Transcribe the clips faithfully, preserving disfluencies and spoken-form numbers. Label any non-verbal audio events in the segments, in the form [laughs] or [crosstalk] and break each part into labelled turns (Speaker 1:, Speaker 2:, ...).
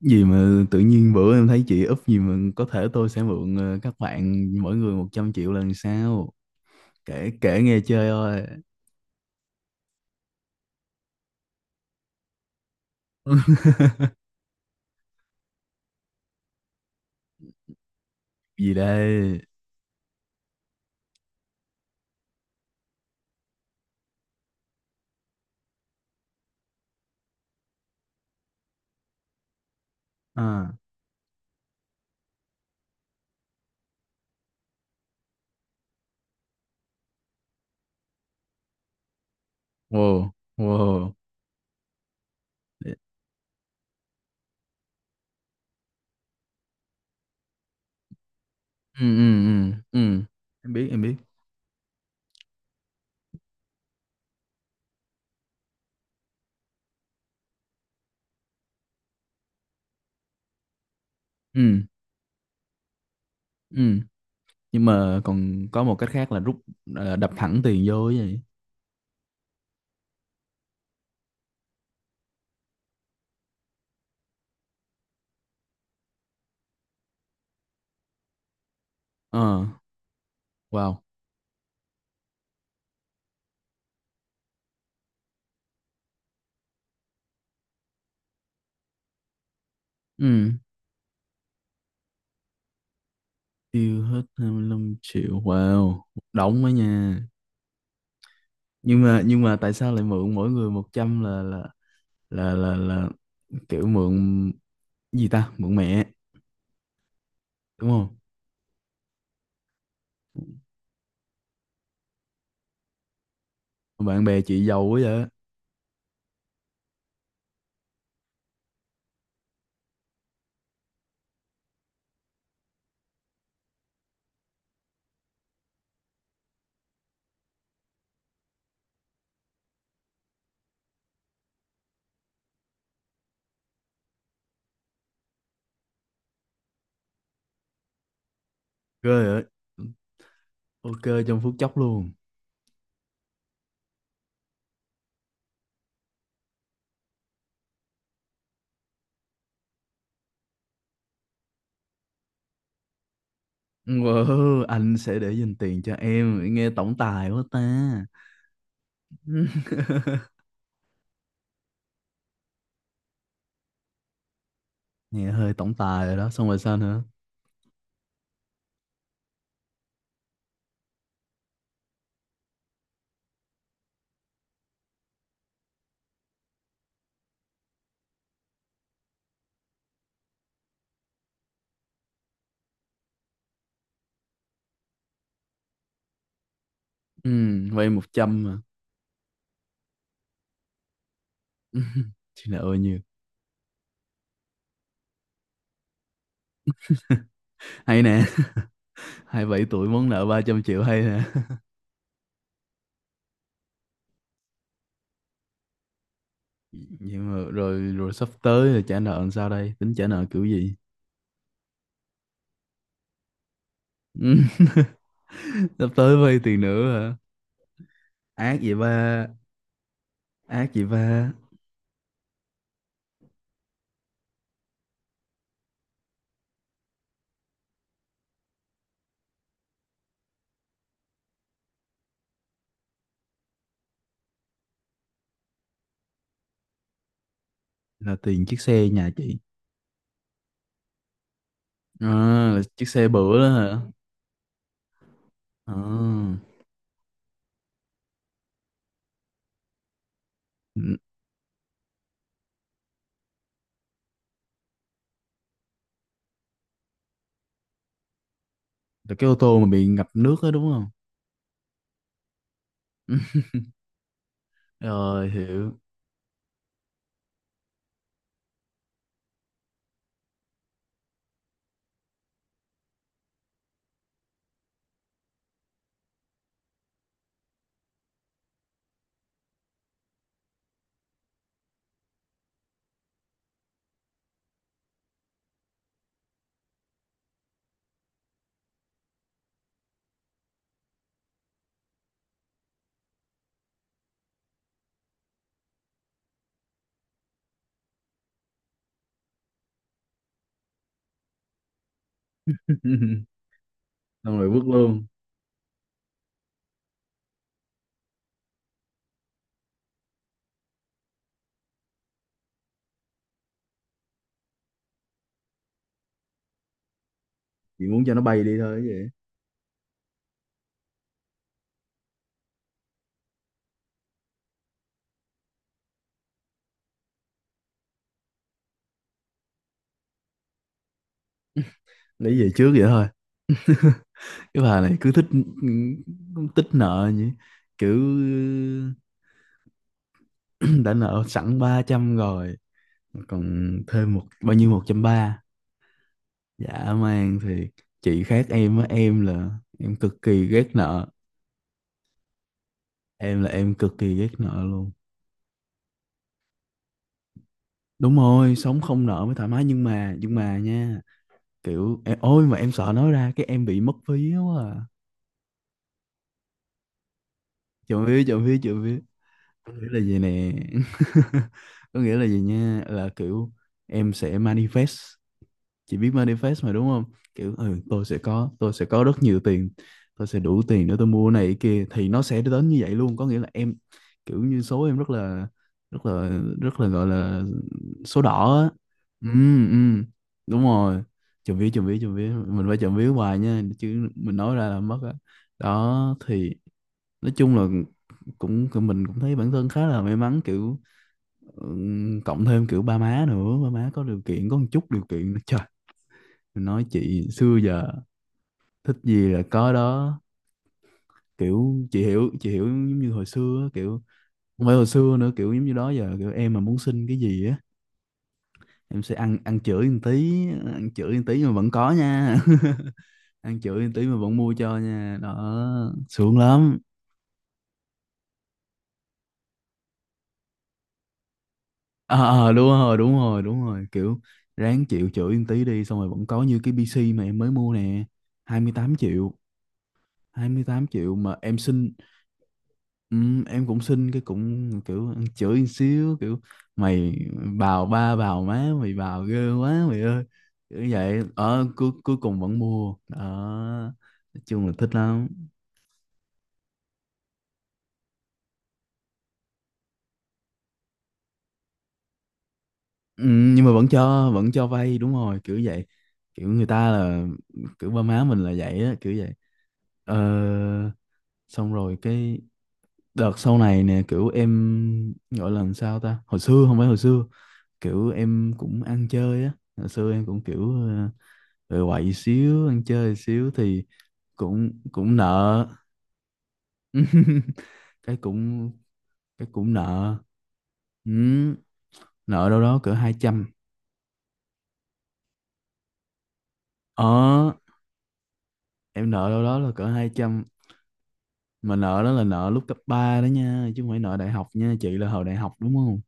Speaker 1: gì mà tự nhiên bữa em thấy chị úp gì mà có thể tôi sẽ mượn ờ, các bạn mỗi người một trăm triệu lần sau. Kể kể nghe chơi thôi. [laughs] Gì đây? À, wow, wow, ừ, ừ, ừ, ừ. Em biết em biết, ừ, ừ. Nhưng mà còn có một cách khác là rút, ờ, đập thẳng tiền vô ấy vậy. Ờ, wow, ừ, tiêu hết hai mươi lăm triệu, wow, đóng đó nha. Nhưng mà nhưng mà tại sao lại mượn mỗi người một trăm, là là là là là kiểu mượn gì ta, mượn mẹ? Đúng không? Bạn bè chị giàu quá vậy. Ghê vậy. OK, trong phút chốc luôn. Wow, anh sẽ để dành tiền cho em, nghe tổng tài quá ta. [laughs] Nghe hơi tổng tài rồi đó, xong rồi sao nữa? Ừ, vay một trăm mà. [laughs] Chị nợ bao nhiêu? Hay nè. [laughs] Hai bảy tuổi muốn nợ ba trăm triệu, hay nè. Nhưng mà rồi rồi sắp tới là trả nợ làm sao đây, tính trả nợ kiểu gì? [laughs] Sắp tới vay tiền nữa hả? Ác vậy ba, ác vậy ba. Là tiền chiếc xe nhà chị. À, là chiếc xe bữa đó hả? À, là cái ô tô mà bị ngập nước đó đúng không? [laughs] Rồi hiểu. [laughs] Xong rồi vứt luôn. Chị muốn cho nó bay đi thôi chứ vậy. Lấy về trước vậy thôi. Cái bà này cứ thích tích nợ nhỉ? Kiểu [clears throat] đã nợ sẵn ba trăm rồi, còn thêm một bao nhiêu, một trăm ba? Dạ man thì chị khác em á. Em là em cực kỳ ghét nợ. Em là em cực kỳ ghét nợ luôn. Đúng rồi, sống không nợ mới thoải mái, nhưng mà nhưng mà nha, kiểu em, ôi mà em sợ nói ra cái em bị mất phí quá à. Trộm vía, trộm vía, trộm vía. Có nghĩa là gì nè? [laughs] Có nghĩa là gì nha, là kiểu em sẽ manifest. Chị biết manifest mà đúng không? Kiểu ừ, tôi sẽ có, tôi sẽ có rất nhiều tiền. Tôi sẽ đủ tiền để tôi mua này cái kia, thì nó sẽ đến như vậy luôn. Có nghĩa là em, kiểu như số em rất là, rất là, rất là, gọi là số đỏ á. Ừ, ừ, đúng rồi. Chậm vía, chậm vía, chậm vía, mình phải chậm vía hoài nha, chứ mình nói ra là mất á. Đó thì nói chung là cũng cũng- mình cũng thấy bản thân khá là may mắn, kiểu ừm, cộng thêm kiểu ba má nữa, ba má có điều kiện, có một chút điều kiện nữa. Trời. Tôi nói chị xưa giờ thích gì là có đó. Kiểu chị hiểu, chị hiểu giống như hồi xưa á, kiểu không phải hồi xưa nữa, kiểu giống như đó giờ kiểu em mà muốn xin cái gì á, em sẽ ăn ăn chửi một tí, ăn chửi một tí mà vẫn có nha. [laughs] Ăn chửi một tí mà vẫn mua cho nha đó, sướng lắm. ờ ờ, Đúng rồi, đúng rồi, đúng rồi, kiểu ráng chịu chửi một tí đi, xong rồi vẫn có, như cái pê xê mà em mới mua nè, hai mươi tám triệu. Hai mươi tám triệu mà em xin. Ừ, em cũng xin cái cũng kiểu chửi một xíu, kiểu mày bào ba bào má mày, bào ghê quá mày ơi, kiểu vậy, ở cuối cuối cùng vẫn mua đó. Nói chung là thích lắm. Ừ, nhưng mà vẫn cho vẫn cho vay đúng rồi, kiểu vậy. Kiểu người ta là kiểu ba má mình là vậy á, kiểu vậy. ờ, Xong rồi cái đợt sau này nè, kiểu em gọi là làm sao ta, hồi xưa, không phải hồi xưa, kiểu em cũng ăn chơi á. Hồi xưa em cũng kiểu ờ, rồi quậy xíu, ăn chơi xíu, thì cũng cũng nợ. [laughs] cái cũng cái cũng nợ. Ừ, nợ đâu đó cỡ hai trăm. Ờ, em nợ đâu đó là cỡ hai trăm. Mà nợ đó là nợ lúc cấp ba đó nha, chứ không phải nợ đại học nha. Chị là hồi đại học đúng không?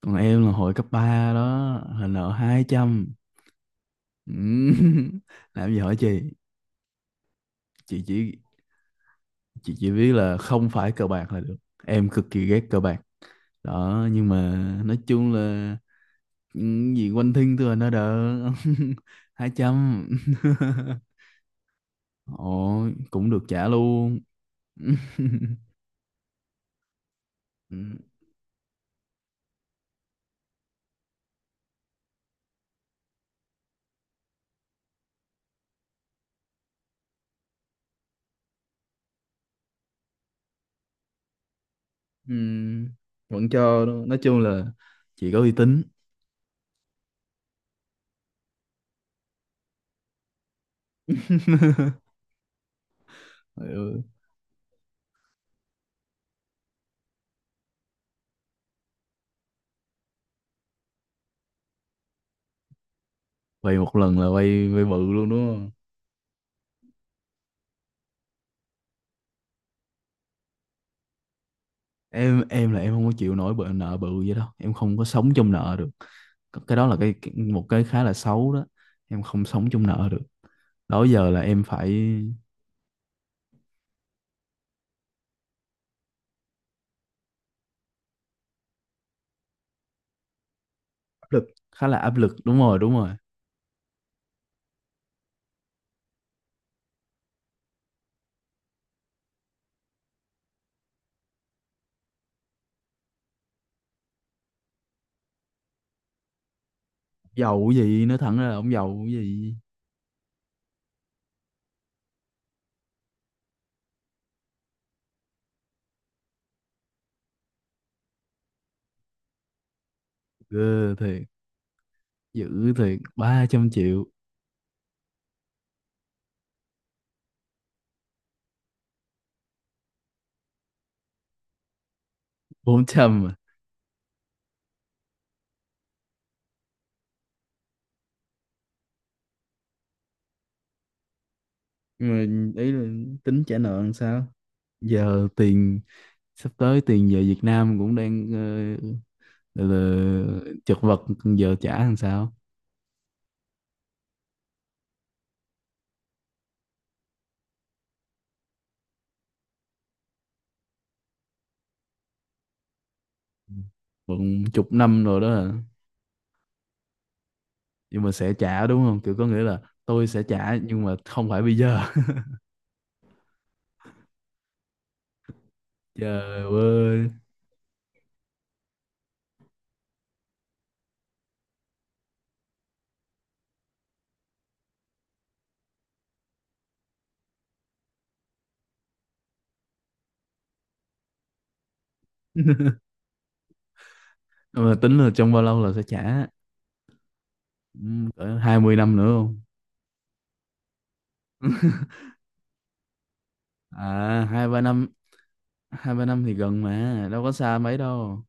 Speaker 1: Còn em là hồi cấp ba đó, là nợ hai trăm. Ừ. [laughs] Làm gì hỏi chị. Chị chỉ chị chỉ biết là không phải cờ bạc là được. Em cực kỳ ghét cờ bạc. Đó, nhưng mà nói chung là những gì quanh thiên tôi là nó đỡ. [laughs] Hai trăm. [laughs] Ồ, cũng được trả luôn. [laughs] Ừ, ừ, vẫn cho đó. Nói chung là chỉ có uy tín. [laughs] Ừ, vay một lần là vay vay bự luôn đúng. Em em là em không có chịu nổi bợ nợ bự vậy đâu, em không có sống trong nợ được. C- cái đó là cái cái- một cái khá là xấu đó, em không sống trong nợ được. Đó giờ là em phải áp lực, khá là áp lực, đúng rồi, đúng rồi. Giàu cái gì, nói thẳng ra là ông giàu cái gì. Ghê thiệt. Dữ thiệt, ba trăm triệu. bốn trăm à? Nhưng mà ý là tính trả nợ làm sao? Giờ tiền sắp tới tiền về Việt Nam cũng đang ờ, là, là chật vật, giờ trả làm sao? Bận chục năm rồi đó hả? Nhưng mà sẽ trả đúng không? Kiểu có nghĩa là tôi sẽ trả nhưng mà không phải bây giờ. [laughs] Trời ơi. [laughs] Mà tính là trong bao lâu là sẽ trả? Ừ, cỡ hai mươi năm nữa không? À, hai ba năm, hai ba năm thì gần mà, đâu có xa mấy đâu.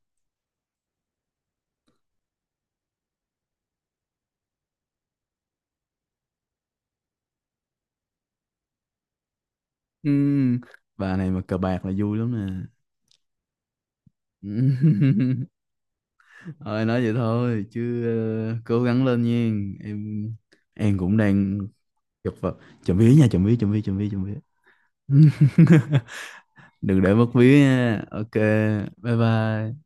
Speaker 1: Ừ, bà này mà cờ bạc là vui lắm nè. Ừ. [laughs] Thôi nói vậy thôi chứ ờ, cố gắng lên nha. Em em cũng đang chật vật. Chậm vía nha, chậm vía, chậm vía, chậm vía, chậm vía. [laughs] Đừng để mất ví nha, OK, bye bye.